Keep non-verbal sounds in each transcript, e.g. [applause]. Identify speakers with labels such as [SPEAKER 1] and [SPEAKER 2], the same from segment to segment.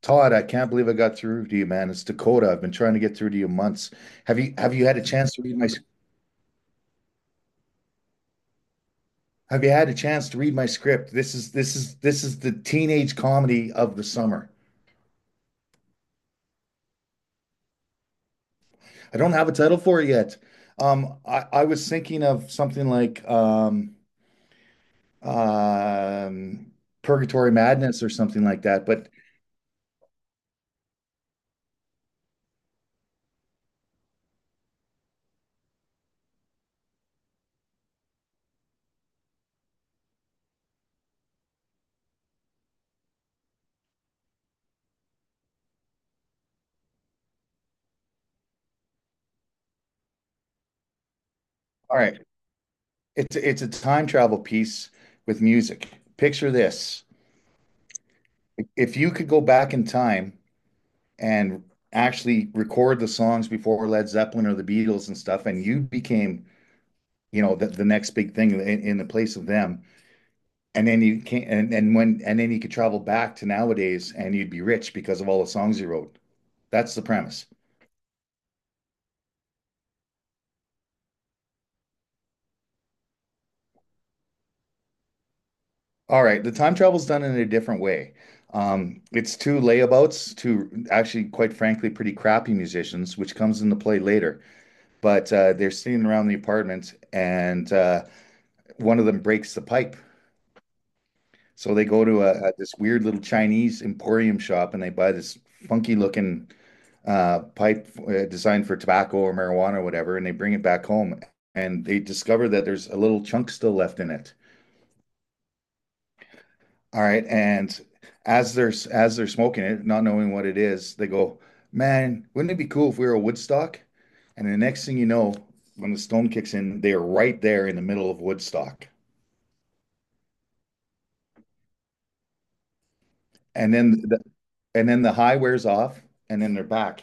[SPEAKER 1] Todd, I can't believe I got through to you, man. It's Dakota. I've been trying to get through to you months. Have you had a chance to read my have you had a chance to read my script? This is the teenage comedy of the summer. I don't have a title for it yet. I was thinking of something like um, Purgatory Madness or something like that. But all right, it's a time travel piece with music. Picture this. If you could go back in time and actually record the songs before Led Zeppelin or the Beatles and stuff, and you became, the, next big thing in the place of them. And then you can and when and then you could travel back to nowadays and you'd be rich because of all the songs you wrote. That's the premise. All right, the time travel's done in a different way. It's two layabouts, two actually, quite frankly, pretty crappy musicians, which comes into play later. But they're sitting around the apartment, and one of them breaks the pipe. So they go to a this weird little Chinese emporium shop and they buy this funky looking pipe designed for tobacco or marijuana or whatever, and they bring it back home and they discover that there's a little chunk still left in it. All right, and as they're smoking it, not knowing what it is, they go, "Man, wouldn't it be cool if we were a Woodstock?" And the next thing you know, when the stone kicks in, they are right there in the middle of Woodstock. And then the, and then the high wears off, and then they're back.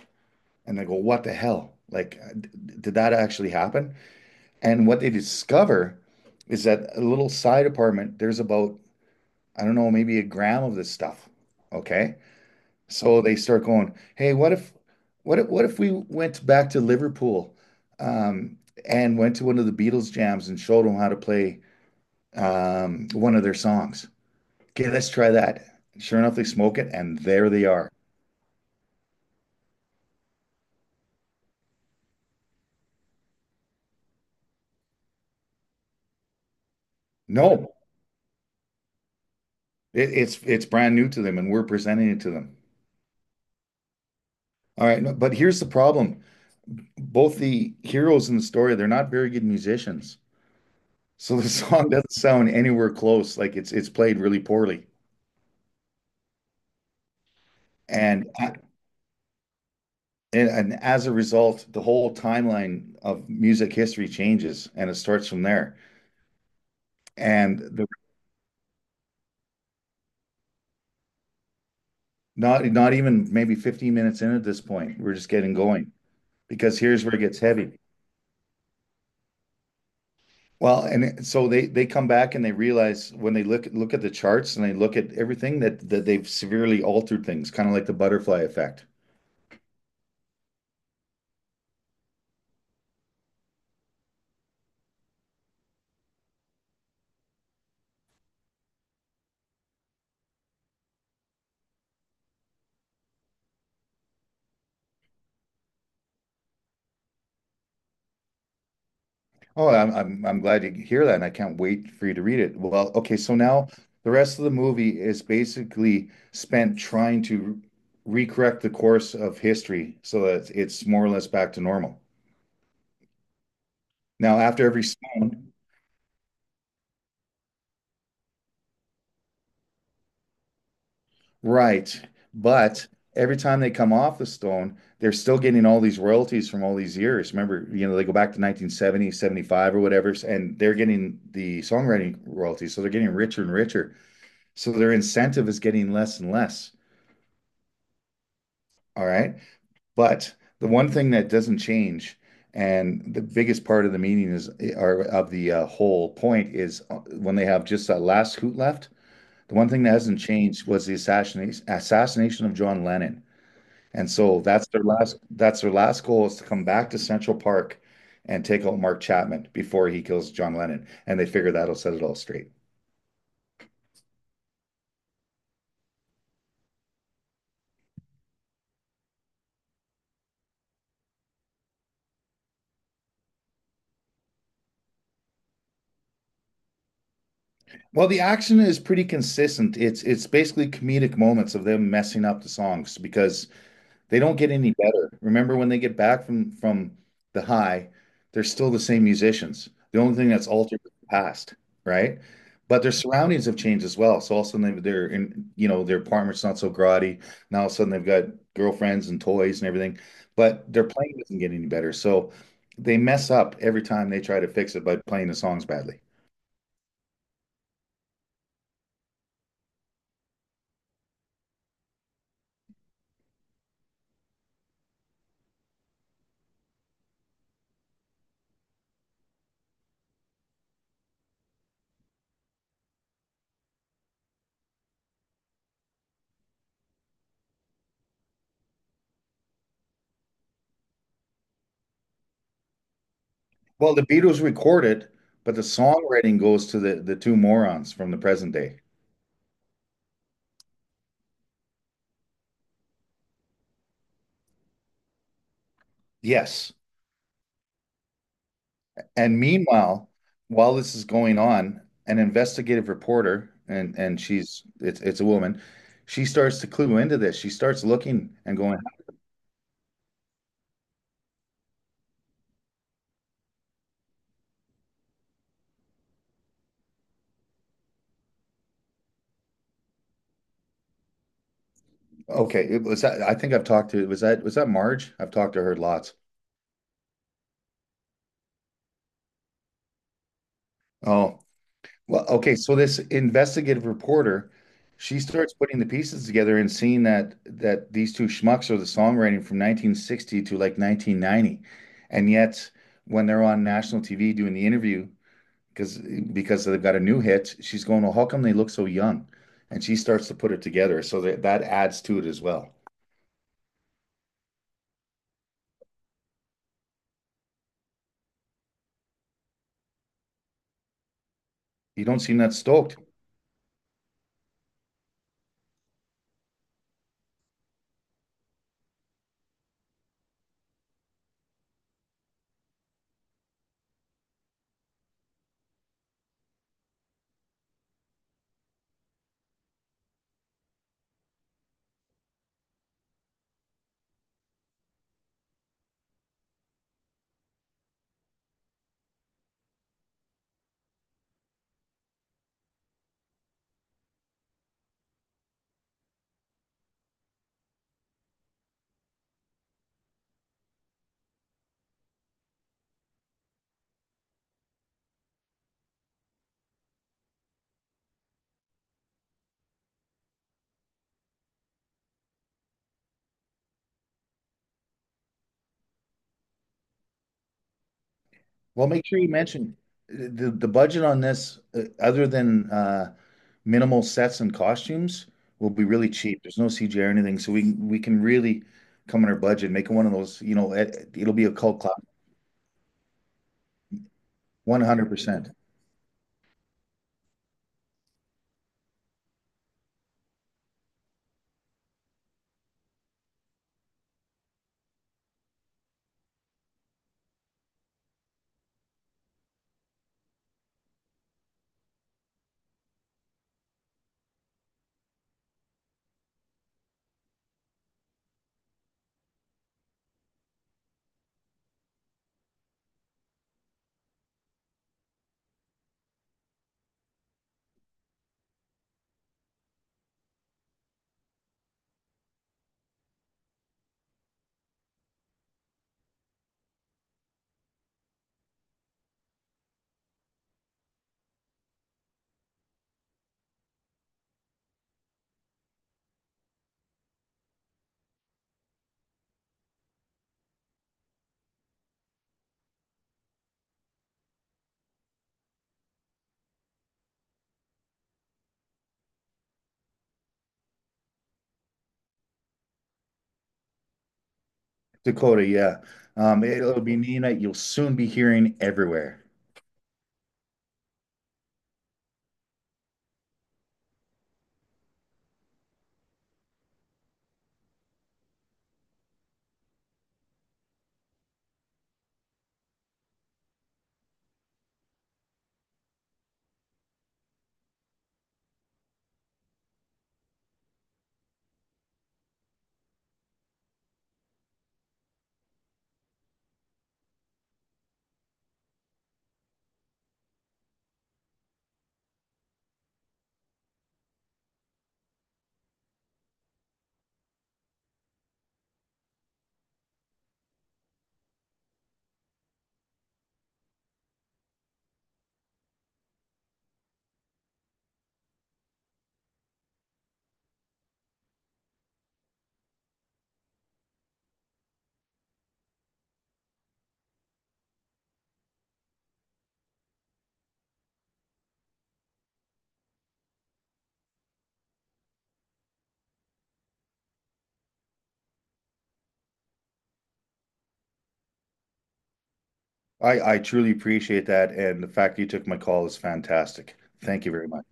[SPEAKER 1] And I go, what the hell? Like, did that actually happen? And what they discover is that a little side apartment, there's about, I don't know, maybe a gram of this stuff. Okay. So they start going, hey, what if we went back to Liverpool, um, and went to one of the Beatles jams and showed them how to play, one of their songs? Okay, let's try that. Sure enough, they smoke it, and there they are. No, it's brand new to them, and we're presenting it to them. All right, no, but here's the problem. Both the heroes in the story, they're not very good musicians. So the [laughs] song doesn't sound anywhere close. Like it's played really poorly. And I- and as a result, the whole timeline of music history changes and it starts from there. And the, not not even maybe 15 minutes in at this point, we're just getting going because here's where it gets heavy. Well, so they come back and they realize when they look at the charts and they look at everything that they've severely altered things, kind of like the butterfly effect. Oh, I'm glad to hear that, and I can't wait for you to read it. Well, okay, so now the rest of the movie is basically spent trying to recorrect the course of history so that it's more or less back to normal. Now, after every stone, right. But every time they come off the stone, they're still getting all these royalties from all these years. Remember, they go back to nineteen seventy-five or whatever, and they're getting the songwriting royalties. So they're getting richer and richer. So their incentive is getting less and less. All right. But the one thing that doesn't change, and the biggest part of the meaning is, or of the whole point is when they have just that last hoot left, the one thing that hasn't changed was the assassination of John Lennon. And so that's their last goal is to come back to Central Park and take out Mark Chapman before he kills John Lennon. And they figure that'll set it all straight. Well, the action is pretty consistent. It's basically comedic moments of them messing up the songs because they don't get any better. Remember when they get back from the high, they're still the same musicians. The only thing that's altered is the past, right? But their surroundings have changed as well. So all of a sudden they're in, their apartment's not so grotty. Now all of a sudden they've got girlfriends and toys and everything, but their playing doesn't get any better. So they mess up every time they try to fix it by playing the songs badly. Well, the Beatles recorded, but the songwriting goes to the two morons from the present day. Yes. And meanwhile, while this is going on, an investigative reporter, and she's it's a woman, she starts to clue into this. She starts looking and going, okay, it was that I think I've talked to was that Marge? I've talked to her lots. Oh, well, okay, so this investigative reporter, she starts putting the pieces together and seeing that these two schmucks are the songwriting from 1960 to like 1990. And yet when they're on national TV doing the interview, because because they've got a new hit. She's going, well, how come they look so young? And she starts to put it together. So that adds to it as well. You don't seem that stoked. Well, make sure you mention the budget on this, other than minimal sets and costumes, will be really cheap. There's no CGI or anything, so we can really come on our budget, make it one of those. It'll be a cult classic, 100%. Dakota, yeah. It'll be Nina. You'll soon be hearing everywhere. I truly appreciate that, and the fact you took my call is fantastic. Thank you very much.